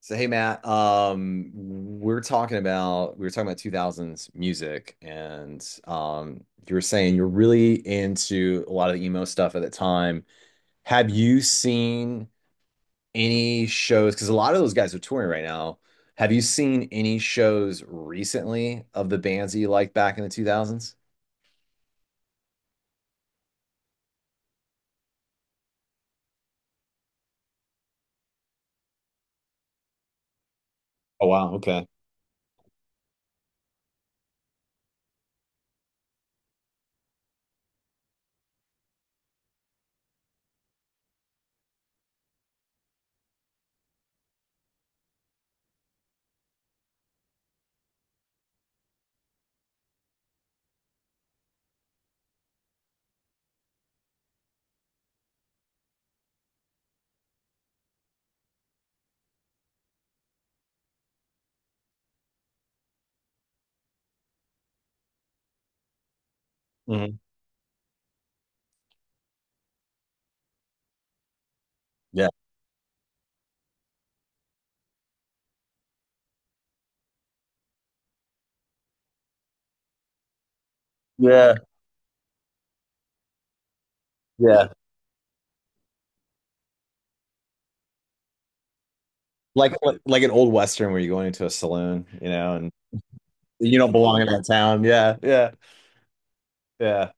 So hey Matt, we were talking about 2000s music, and you were saying you're really into a lot of the emo stuff at the time. Have you seen any shows? Because a lot of those guys are touring right now. Have you seen any shows recently of the bands that you liked back in the 2000s? Oh wow, okay. Mhm. Yeah. Yeah, yeah. Like like an old Western where you're going into a saloon, you know, and you don't belong in that town. Yeah, yeah, yeah.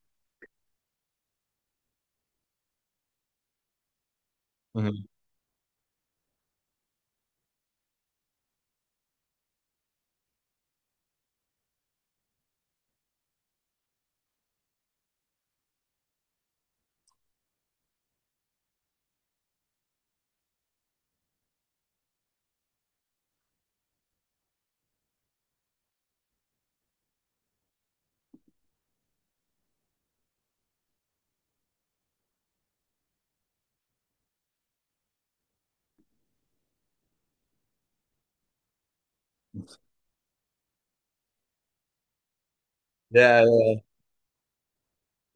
Yeah,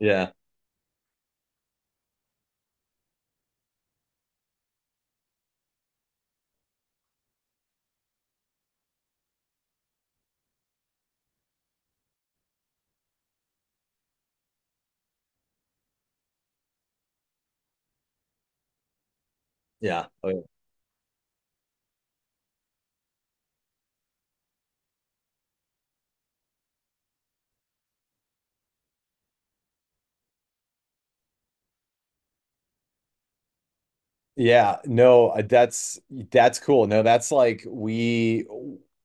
yeah, yeah. Oh, yeah. Yeah, no, that's cool. No, that's like we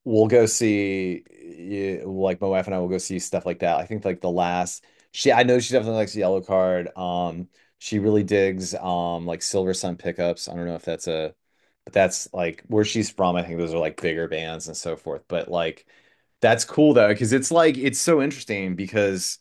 will go see, yeah, like my wife and I will go see stuff like that. I think like the last, she, I know she definitely likes Yellow Card. She really digs like Silver Sun pickups. I don't know if that's a, but that's like where she's from. I think those are like bigger bands and so forth. But like that's cool though, because it's like it's so interesting because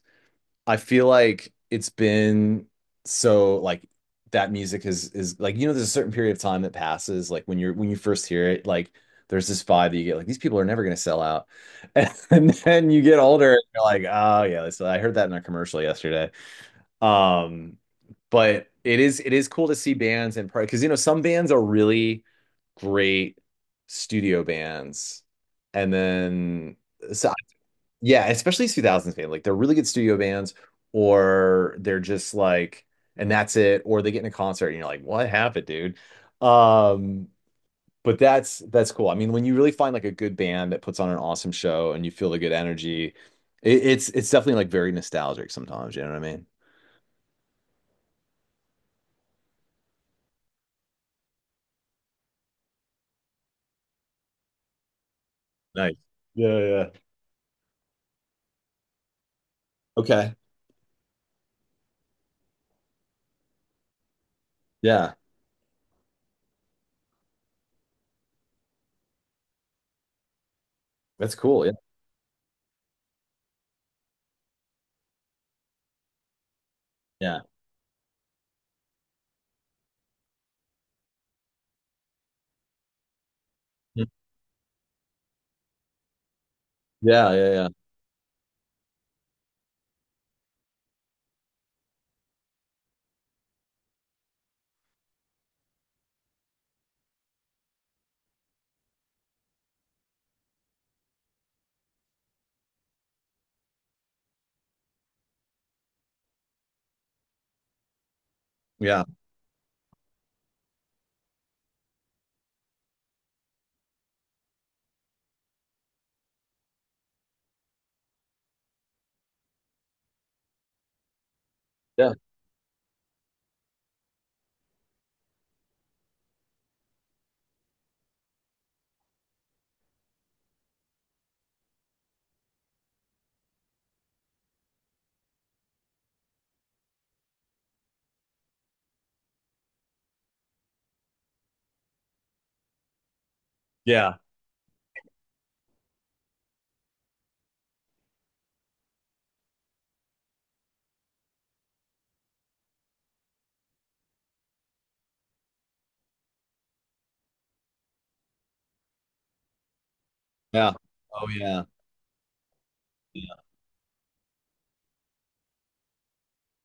I feel like it's been so like that music is like, you know, there's a certain period of time that passes like when you're when you first hear it, like there's this vibe that you get like these people are never going to sell out and then you get older and you're like, oh yeah, so I heard that in a commercial yesterday. um but it is cool to see bands, and because you know some bands are really great studio bands, and then so yeah, especially 2000s band. Like they're really good studio bands, or they're just like, and that's it, or they get in a concert and you're like, what happened, dude? Um, but that's cool. I mean, when you really find like a good band that puts on an awesome show and you feel the good energy, it's definitely like very nostalgic sometimes, you know what I mean? Nice. Yeah, yeah. Okay. Yeah. That's cool. Yeah. Yeah. Yeah, yeah, yeah. Yeah. Yeah. Yeah. Yeah. Oh yeah.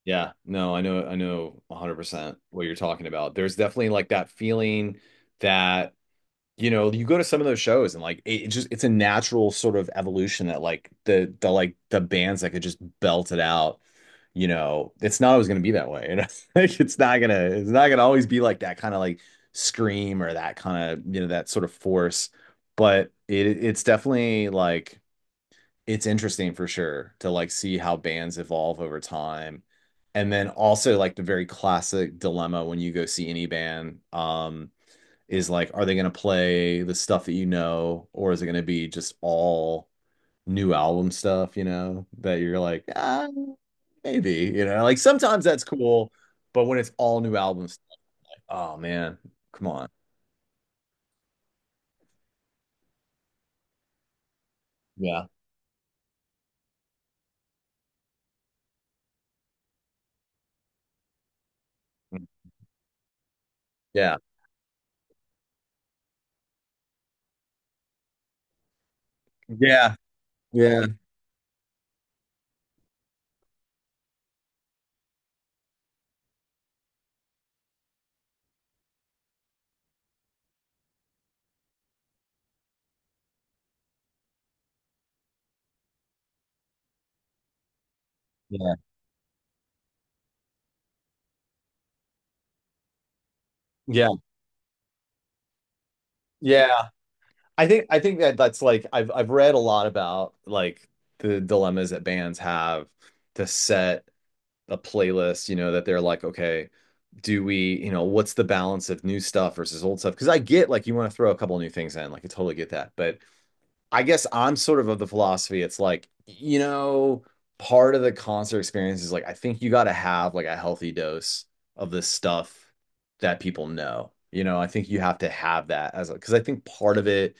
Yeah, no, I know 100% what you're talking about. There's definitely like that feeling that, you know, you go to some of those shows and like it just it's a natural sort of evolution that like the like the bands that could just belt it out, you know, it's not always gonna be that way. You know? Like it's not gonna always be like that kind of like scream or that kind of, you know, that sort of force. But it's definitely like it's interesting for sure to like see how bands evolve over time. And then also like the very classic dilemma when you go see any band, is like, are they going to play the stuff that you know, or is it going to be just all new album stuff, you know, that you're like, ah, maybe, you know, like sometimes that's cool, but when it's all new albums, like, oh man, come on. Yeah. Yeah. Yeah. Yeah. Yeah. Yeah. Yeah. I think that that's like I've read a lot about like the dilemmas that bands have to set a playlist, you know, that they're like, okay, do we, you know, what's the balance of new stuff versus old stuff? Because I get like you want to throw a couple new things in, like I totally get that. But I guess I'm sort of the philosophy, it's like, you know, part of the concert experience is like, I think you got to have like a healthy dose of this stuff that people know. You know, I think you have to have that as a, because I think part of it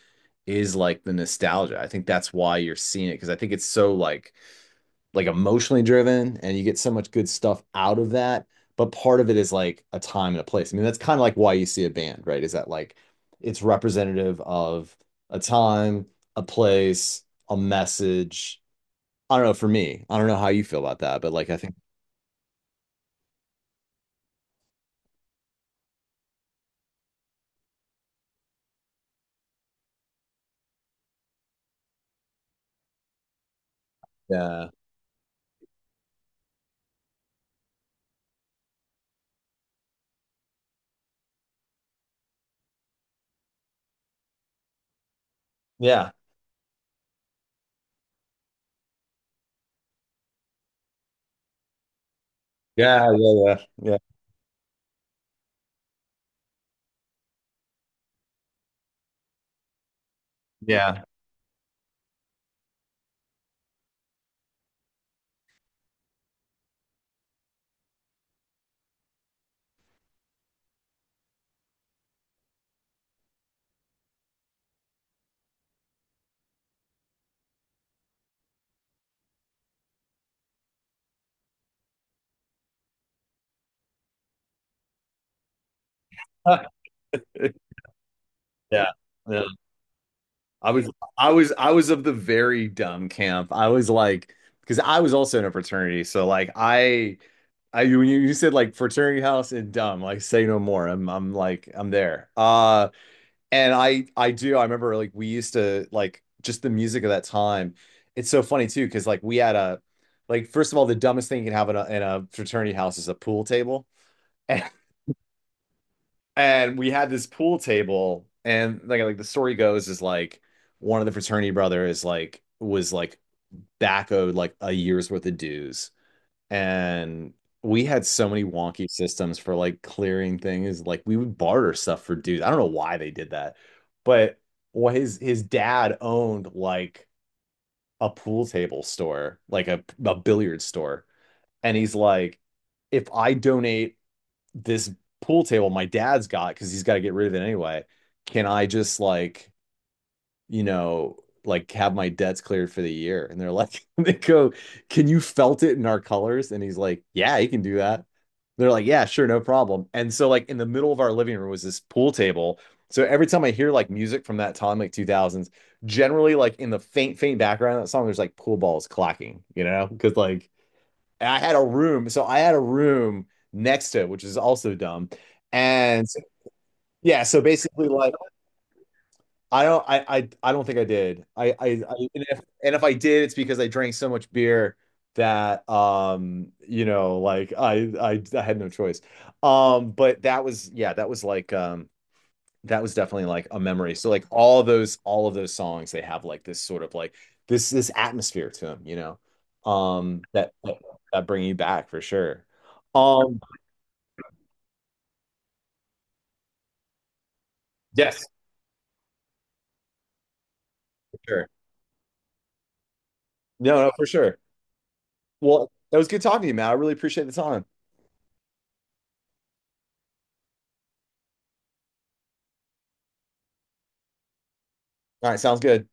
is like the nostalgia. I think that's why you're seeing it, because I think it's so like emotionally driven and you get so much good stuff out of that. But part of it is like a time and a place. I mean, that's kind of like why you see a band, right, is that like it's representative of a time, a place, a message. I don't know, for me, I don't know how you feel about that, but like I think, yeah, yeah, yeah, yeah, yeah, yeah, yeah, yeah. Yeah. I was I was of the very dumb camp. I was like, because I was also in a fraternity, so like I when you said like fraternity house and dumb, like say no more. I'm like I'm there. And I do, I remember like we used to like just the music of that time. It's so funny too because like we had a, like first of all, the dumbest thing you can have in a fraternity house is a pool table. And we had this pool table and like the story goes is like one of the fraternity brothers like was like back owed like a year's worth of dues, and we had so many wonky systems for like clearing things, like we would barter stuff for dues, I don't know why they did that, but well, his dad owned like a pool table store, like a billiard store, and he's like, if I donate this pool table my dad's got because he's got to get rid of it anyway, can I just like, you know, like have my debts cleared for the year? And they're like, they go, can you felt it in our colors? And he's like, yeah, he can do that. They're like, yeah, sure, no problem. And so like in the middle of our living room was this pool table. So every time I hear like music from that time, like 2000s, generally like in the faint, faint background of that song, there's like pool balls clacking, you know, because like, and I had a room. So I had a room next to it, which is also dumb. And so, yeah, so basically like, I don't, I don't think I did. I and if I did, it's because I drank so much beer that, you know, like I had no choice. But that was, yeah, that was like, that was definitely like a memory. So like all of those songs, they have like this sort of like this atmosphere to them, you know. That that bring you back for sure. Um yes, for sure. No, no, for sure. Well, that was good talking to you, man. I really appreciate the time. All right, sounds good.